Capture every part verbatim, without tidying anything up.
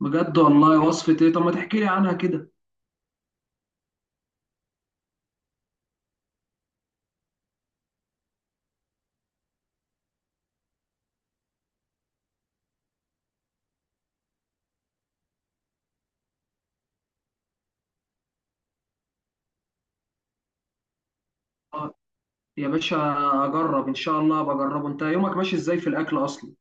بجد والله، وصفة ايه؟ طب ما تحكي لي عنها كده. آه، يا باشا اجرب ان شاء الله، بجربه. انت يومك ماشي ازاي في الاكل اصلا؟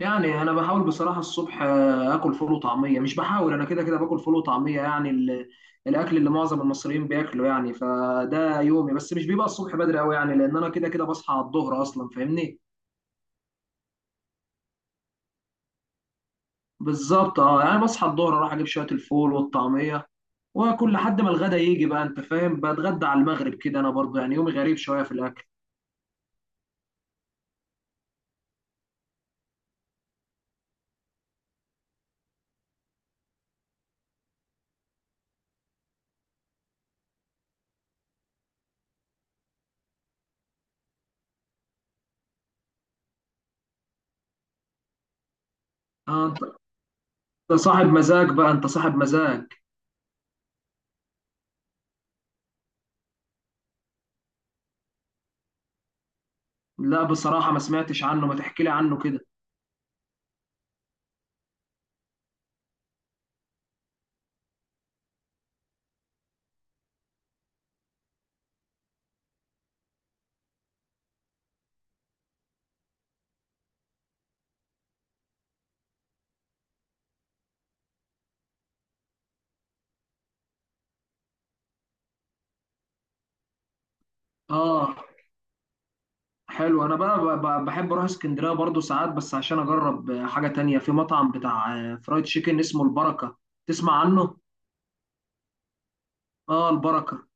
يعني انا بحاول بصراحة الصبح آه، اكل فول وطعمية. مش بحاول، انا كده كده باكل فول وطعمية، يعني ال- الاكل اللي معظم المصريين بياكله. يعني فده يومي، بس مش بيبقى الصبح بدري قوي، يعني لان انا كده كده بصحى على الظهر اصلا، فاهمني؟ بالظبط، اه. يعني بصحى الظهر اروح اجيب شوية الفول والطعمية واكل لحد ما الغدا يجي بقى، انت فاهم. بتغدى على المغرب كده، انا برضه يعني يومي غريب شوية في الاكل. اه، ده صاحب مزاج بقى، انت صاحب مزاج. لا بصراحة ما سمعتش عنه، ما تحكي لي عنه كده. اه. حلو، انا بقى ب- ب- بحب اروح اسكندرية برضو ساعات بس عشان اجرب آه، حاجة تانية في مطعم بتاع آه، فرايد تشيكن اسمه البركة. تسمع عنه؟ اه، البركة.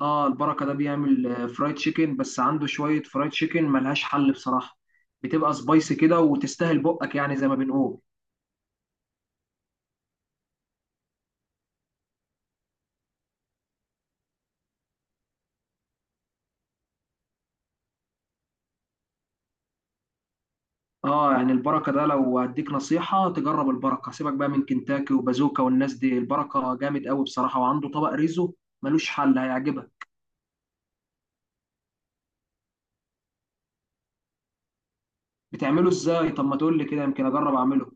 اه، البركة ده بيعمل آه، فرايد تشيكن. بس عنده شوية فرايد تشيكن ملهاش حل بصراحة. بتبقى سبايسي كده وتستاهل بقك، يعني زي ما بنقول. اه يعني البركه ده، لو هديك نصيحه تجرب البركه. سيبك بقى من كنتاكي وبازوكا والناس دي، البركه جامد قوي بصراحه. وعنده طبق ريزو ملوش حل، هيعجبك. بتعمله ازاي؟ طب ما تقول لي كده، يمكن اجرب اعمله.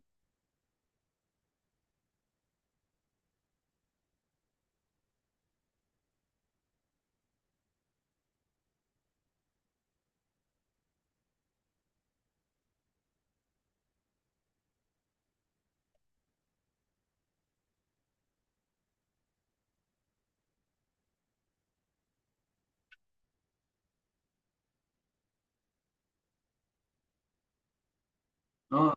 اه،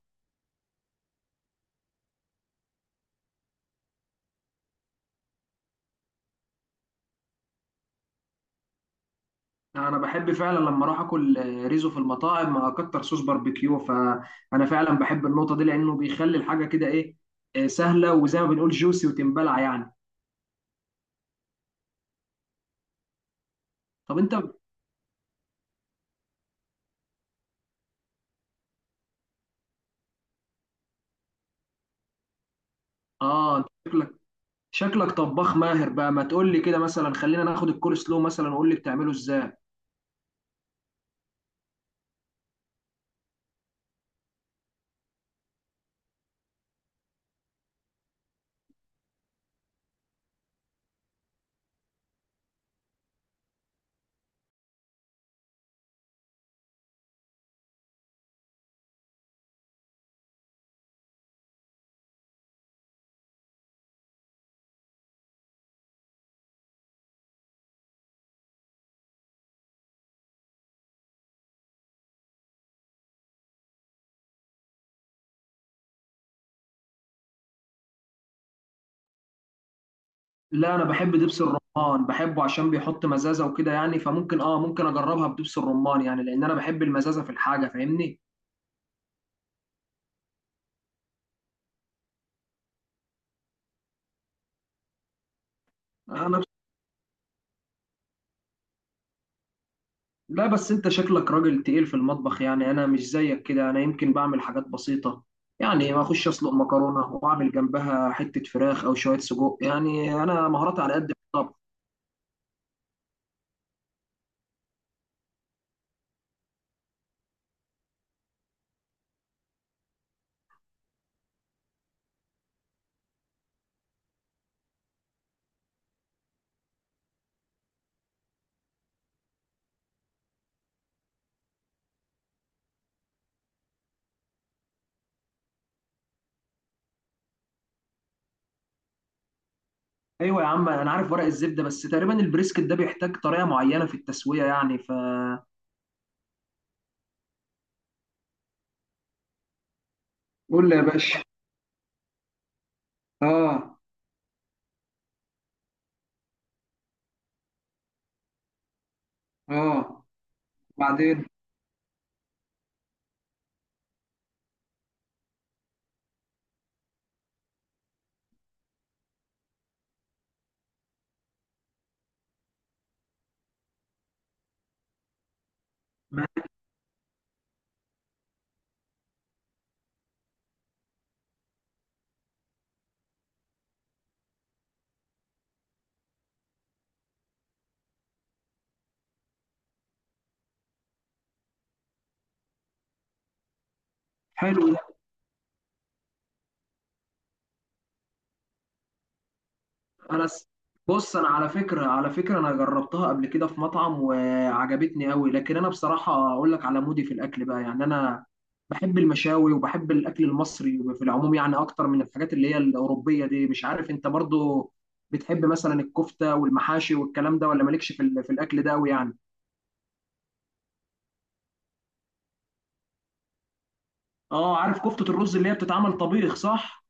انا بحب فعلا لما اروح اكل آه، ريزو في المطاعم اكتر صوص باربيكيو، فانا فعلا بحب النقطه دي، لانه بيخلي الحاجه كده ايه، آه، سهله، وزي ما بنقول جوسي وتنبلع يعني. طب انت، اه، انت شكلك شكلك طباخ ماهر بقى. ما تقول لي كده مثلا، خلينا ناخد الكول سلو مثلا وقول لي بتعمله ازاي. لا انا بحب دبس الرمان، بحبه عشان بيحط مزازه وكده يعني، فممكن اه، ممكن اجربها بدبس الرمان، يعني لان انا بحب المزازه في الحاجه، فاهمني. انا بس... لا بس انت شكلك راجل تقيل في المطبخ، يعني انا مش زيك كده. انا يمكن بعمل حاجات بسيطه، يعني ما اخش اسلق مكرونه واعمل جنبها حته فراخ او شويه سجق، يعني انا مهاراتي على قد الطبخ. ايوه يا عم انا عارف ورق الزبده، بس تقريبا البريسكت ده بيحتاج طريقه معينه في التسويه يعني، فقول لي يا باشا. اه. اه. بعدين. حلو. انا س- بص انا على فكره، على فكره انا جربتها قبل كده في مطعم وعجبتني قوي. لكن انا بصراحه اقول لك على مودي في الاكل بقى، يعني انا بحب المشاوي وبحب الاكل المصري في العموم، يعني اكتر من الحاجات اللي هي الاوروبيه دي. مش عارف انت برضو بتحب مثلا الكفته والمحاشي والكلام ده، ولا مالكش في ال- في الاكل ده قوي يعني؟ اه، عارف كفته الرز اللي هي بتتعمل طبيخ، صح؟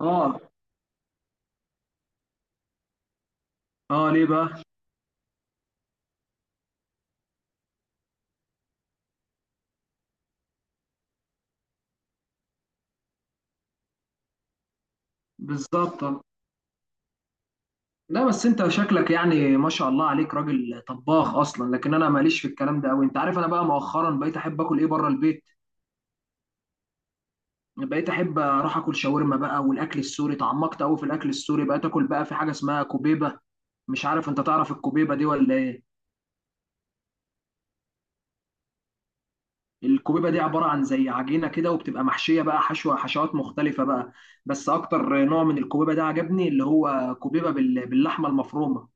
اه. اه ليه بقى؟ بالظبط. لا بس انت شكلك يعني ما شاء الله عليك راجل طباخ اصلا، لكن انا ماليش في الكلام ده قوي. انت عارف انا بقى مؤخرا بقيت احب اكل ايه بره البيت. بقيت احب اروح اكل شاورما بقى والاكل السوري، تعمقت قوي في الاكل السوري. بقيت اكل بقى في حاجه اسمها كوبيبه، مش عارف انت تعرف الكوبيبه دي ولا ايه؟ الكوبيبه دي عباره عن زي عجينه كده، وبتبقى محشيه بقى حشوه حشوات مختلفه بقى. بس اكتر نوع من الكوبيبه ده عجبني اللي هو كوبيبه بال- باللحمه المفرومه.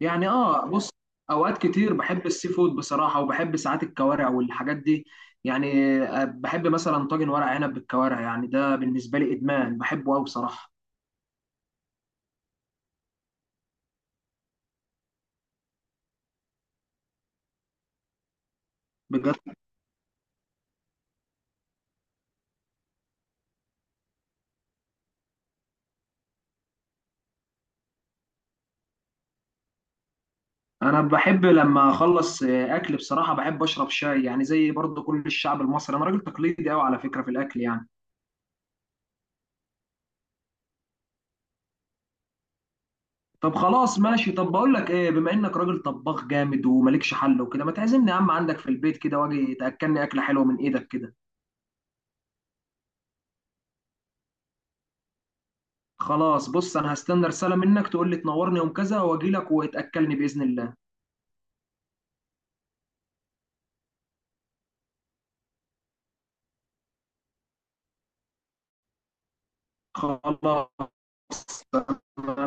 يعني اه، بص، اوقات كتير بحب السي فود بصراحه، وبحب ساعات الكوارع والحاجات دي. يعني آه، بحب مثلا طاجن ورق عنب بالكوارع، يعني ده بالنسبه لي ادمان، بحبه قوي بصراحه. بجد؟ انا بحب لما اخلص آه، اكل بصراحه بحب اشرب شاي، يعني زي برضو كل الشعب المصري، انا راجل تقليدي قوي على فكره في الاكل يعني. طب خلاص ماشي. طب بقول لك ايه، بما انك راجل طباخ جامد ومالكش حل وكده، ما تعزمني يا عم عندك في البيت كده، واجي تاكلني اكله حلوه من ايدك كده. خلاص، بص انا هستنى رسالة منك تقول لي تنورني يوم كذا، واجي لك وتأكلني بإذن الله. خلاص.